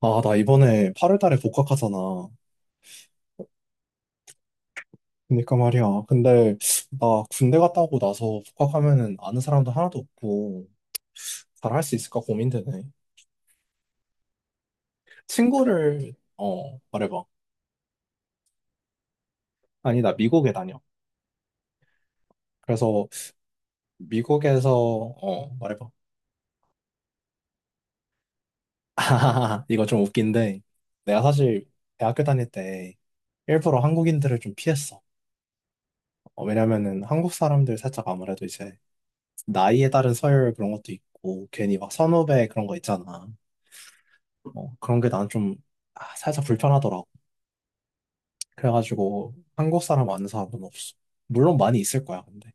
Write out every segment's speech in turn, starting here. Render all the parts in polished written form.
아, 나 이번에 8월 달에 복학하잖아. 그러니까 말이야. 근데 나 군대 갔다 오고 나서 복학하면은 아는 사람도 하나도 없고 잘 할 수 있을까 고민되네. 친구를 말해봐. 아니, 나 미국에 다녀. 그래서 미국에서 말해봐. 이거 좀 웃긴데 내가 사실 대학교 다닐 때 일부러 한국인들을 좀 피했어. 왜냐면은 한국 사람들 살짝 아무래도 이제 나이에 따른 서열 그런 것도 있고 괜히 막 선후배 그런 거 있잖아. 어, 그런 게 난좀 살짝 불편하더라고. 그래가지고 한국 사람 아는 사람은 없어. 물론 많이 있을 거야, 근데.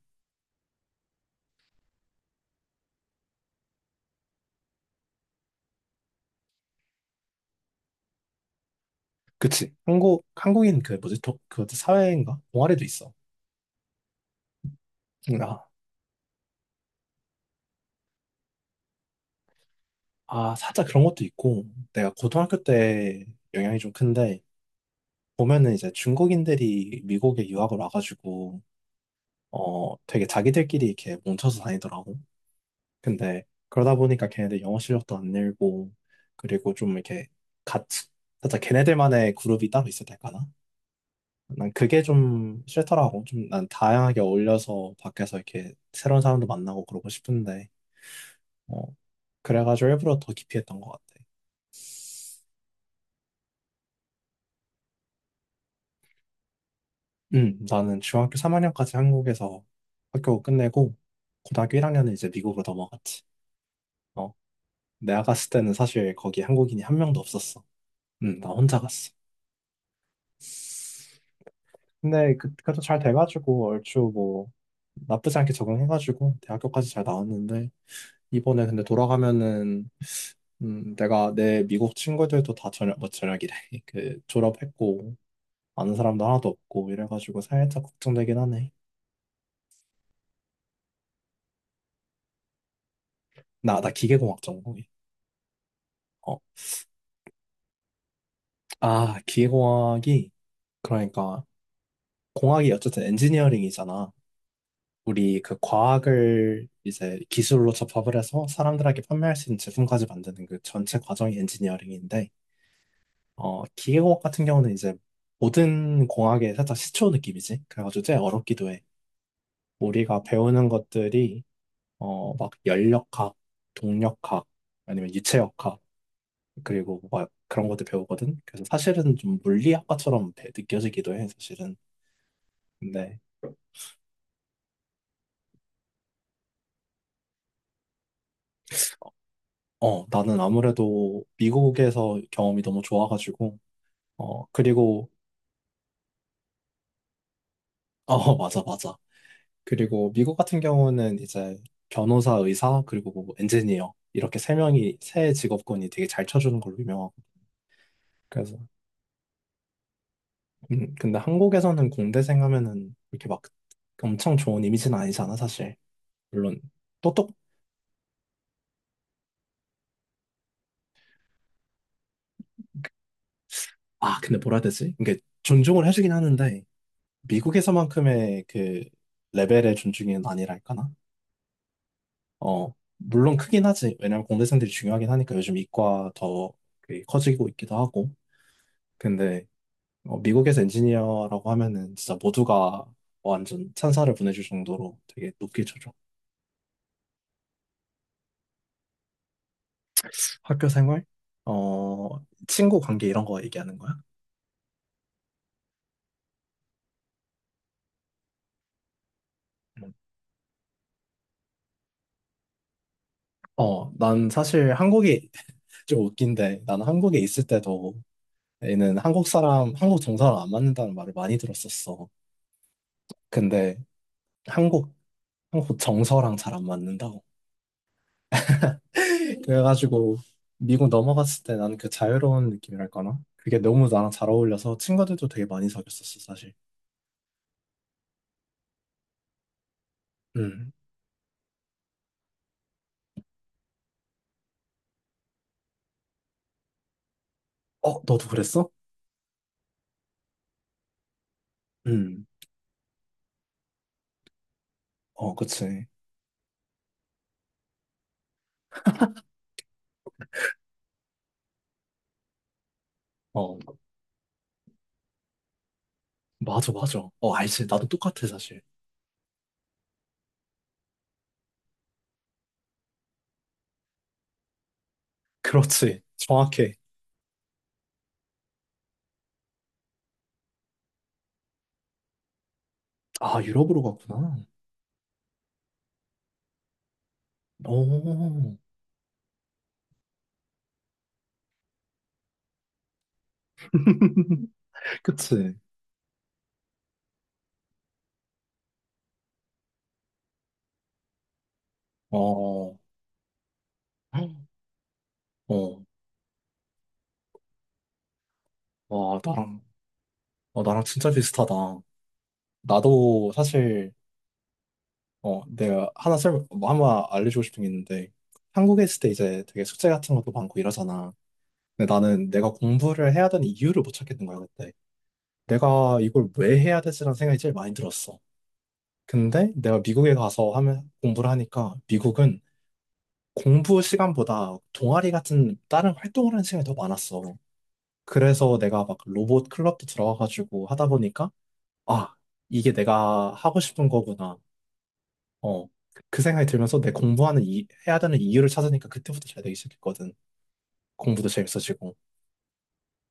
그치. 한국인 그 뭐지, 독, 그 사회인가? 동아리도 있어. 아, 아, 살짝 그런 것도 있고, 내가 고등학교 때 영향이 좀 큰데, 보면은 이제 중국인들이 미국에 유학을 와가지고, 되게 자기들끼리 이렇게 뭉쳐서 다니더라고. 근데 그러다 보니까 걔네들 영어 실력도 안 늘고, 그리고 좀 이렇게 같이, 살짝 걔네들만의 그룹이 따로 있어야 될까나? 난 그게 좀 싫더라고. 좀 난 다양하게 어울려서 밖에서 이렇게 새로운 사람도 만나고 그러고 싶은데, 어, 그래가지고 일부러 더 깊이 했던 것 같아. 나는 중학교 3학년까지 한국에서 학교 끝내고, 고등학교 1학년은 이제 미국으로 넘어갔지. 어, 내가 갔을 때는 사실 거기 한국인이 한 명도 없었어. 나 혼자 갔어. 근데 그, 그래도 잘 돼가지고 얼추 뭐 나쁘지 않게 적응해가지고 대학교까지 잘 나왔는데 이번에 근데 돌아가면은 내가 내 미국 친구들도 다 저녁, 뭐 저녁이래. 그 졸업했고 아는 사람도 하나도 없고 이래가지고 살짝 걱정되긴 하네. 나 기계공학 전공이. 어, 기계공학이 그러니까 공학이 어쨌든 엔지니어링이잖아. 우리 그 과학을 이제 기술로 접합을 해서 사람들에게 판매할 수 있는 제품까지 만드는 그 전체 과정이 엔지니어링인데, 기계공학 같은 경우는 이제 모든 공학의 살짝 시초 느낌이지. 그래가지고 제일 어렵기도 해. 우리가 배우는 것들이 막 열역학, 동력학, 아니면 유체역학, 그리고 막 그런 것도 배우거든. 그래서 사실은 좀 물리학과처럼 느껴지기도 해, 사실은. 근데, 나는 아무래도 미국에서 경험이 너무 좋아가지고, 어, 그리고, 어, 맞아, 맞아. 그리고 미국 같은 경우는 이제 변호사, 의사, 그리고 뭐 엔지니어, 이렇게 세 직업군이 되게 잘 쳐주는 걸로 유명하고. 그래서, 근데 한국에서는 공대생 하면은 이렇게 막 엄청 좋은 이미지는 아니잖아, 사실. 물론 똑똑 아 근데 뭐라 해야 되지? 이게 존중을 해주긴 하는데 미국에서만큼의 그 레벨의 존중은 아니랄까나? 어 물론 크긴 하지. 왜냐면 공대생들이 중요하긴 하니까 요즘 이과 더그 커지고 있기도 하고. 근데 미국에서 엔지니어라고 하면은 진짜 모두가 완전 찬사를 보내줄 정도로 되게 높게 쳐줘. 학교 생활? 어 친구 관계 이런 거 얘기하는 거야? 음. 어, 난 사실 한국이 좀 웃긴데, 나는 한국에 있을 때도 얘는 한국 사람, 한국 정서랑 안 맞는다는 말을 많이 들었었어. 근데 한국, 한국 정서랑 잘 안 맞는다고. 그래가지고 미국 넘어갔을 때 나는 그 자유로운 느낌이랄까나? 그게 너무 나랑 잘 어울려서 친구들도 되게 많이 사귀었었어, 사실. 음. 어, 너도 그랬어? 음. 어, 그치. 어, 맞아, 맞아. 어, 알지. 나도 똑같아, 사실. 그렇지. 정확해. 아, 유럽으로 갔구나. 오. 그치. 어, 어, 와, 나랑 어, 나랑 진짜 비슷하다. 나도 사실, 어, 내가 뭐 하나 알려주고 싶은 게 있는데, 한국에 있을 때 이제 되게 숙제 같은 것도 많고 이러잖아. 근데 나는 내가 공부를 해야 되는 이유를 못 찾겠는 거야, 그때. 내가 이걸 왜 해야 되지라는 생각이 제일 많이 들었어. 근데 내가 미국에 가서 하면, 공부를 하니까, 미국은 공부 시간보다 동아리 같은 다른 활동을 하는 시간이 더 많았어. 그래서 내가 막 로봇 클럽도 들어가가지고 하다 보니까, 아, 이게 내가 하고 싶은 거구나. 어, 그 생각이 들면서 내 공부하는 해야 되는 이유를 찾으니까 그때부터 잘 되기 시작했거든. 공부도 재밌어지고.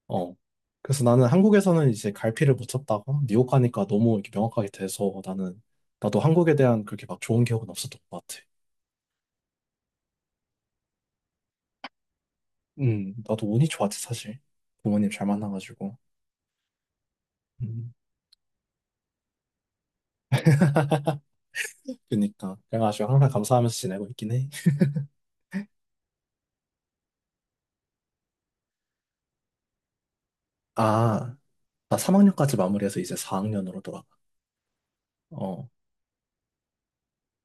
어. 그래서 나는 한국에서는 이제 갈피를 못 쳤다가 뉴욕 가니까 너무 이렇게 명확하게 돼서 나는 나도 한국에 대한 그렇게 막 좋은 기억은 없었던 것 같아. 나도 운이 좋았지 사실. 부모님 잘 만나가지고. 음, 그니까 그래가지고 항상 감사하면서 지내고 있긴 해. 아, 나 3학년까지 마무리해서 이제 4학년으로 돌아가. 어,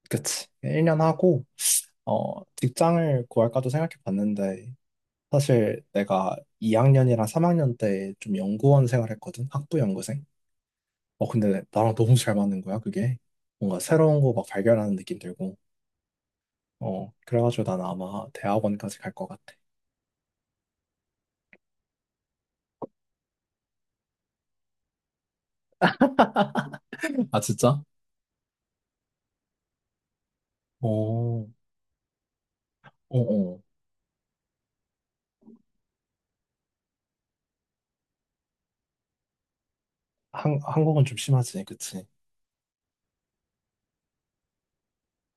그치. 1년 하고 어, 직장을 구할까도 생각해 봤는데 사실 내가 2학년이랑 3학년 때 좀 연구원 생활했거든. 학부 연구생. 근데 나랑 너무 잘 맞는 거야, 그게. 뭔가 새로운 거 막 발견하는 느낌 들고. 그래가지고 난 아마 대학원까지 갈 것 같아. 아, 진짜? 어, 어, 어. 한국은 좀 심하지, 그치?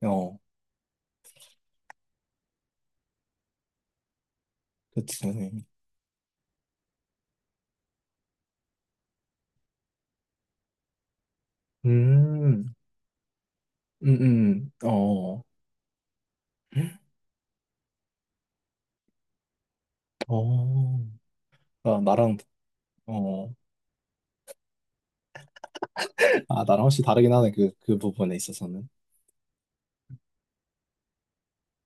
어, 그치. 음, 음, 어, 어. 나, 나랑, 어, 아, 나랑 혹시 다르긴 하네, 그 부분에 있어서는.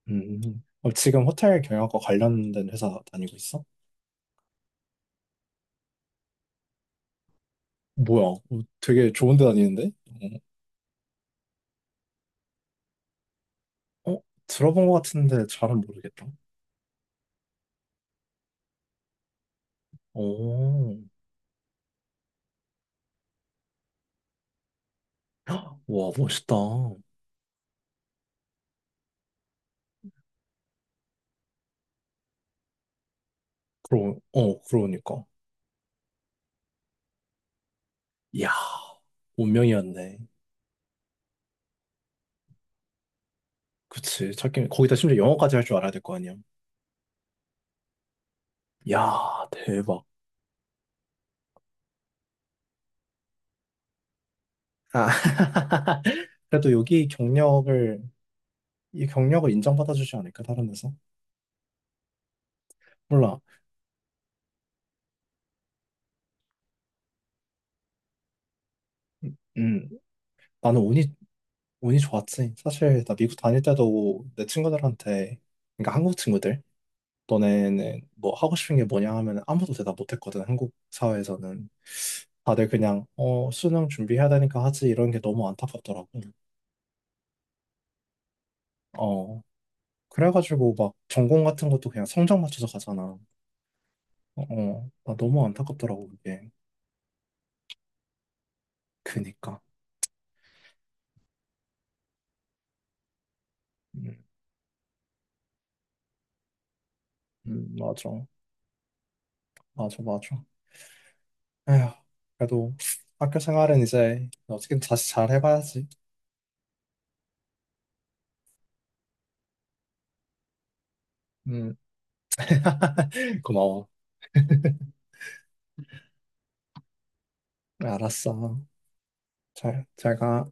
음. 어, 지금 호텔 경영학과 관련된 회사 다니고 있어? 뭐야? 어, 되게 좋은 데 다니는데? 어, 어? 들어본 것 같은데 잘은 모르겠다. 오, 와, 멋있다. 그러, 어, 그러니까. 이야, 운명이었네. 그치. 찾기, 거기다 심지어 영어까지 할 줄 알아야 될 거 아니야. 야, 대박. 아, 그래도 여기 경력을, 이 경력을 인정받아주지 않을까, 다른 데서? 몰라. 음, 음. 나는 운이 운이 좋았지. 사실 나 미국 다닐 때도 내 친구들한테, 그러니까 한국 친구들, 너네는 뭐 하고 싶은 게 뭐냐 하면 아무도 대답 못했거든. 한국 사회에서는 다들 그냥 어 수능 준비해야 되니까 하지 이런 게 너무 안타깝더라고. 어 그래가지고 막 전공 같은 것도 그냥 성적 맞춰서 가잖아. 어, 어. 나 너무 안타깝더라고 그게. 그니까. 음, 맞아, 맞아, 맞아. 에휴, 그래도 학교 생활은 이제 어떻게든 다시 잘 해봐야지. 음, 고마워. 알았어. 잘 가.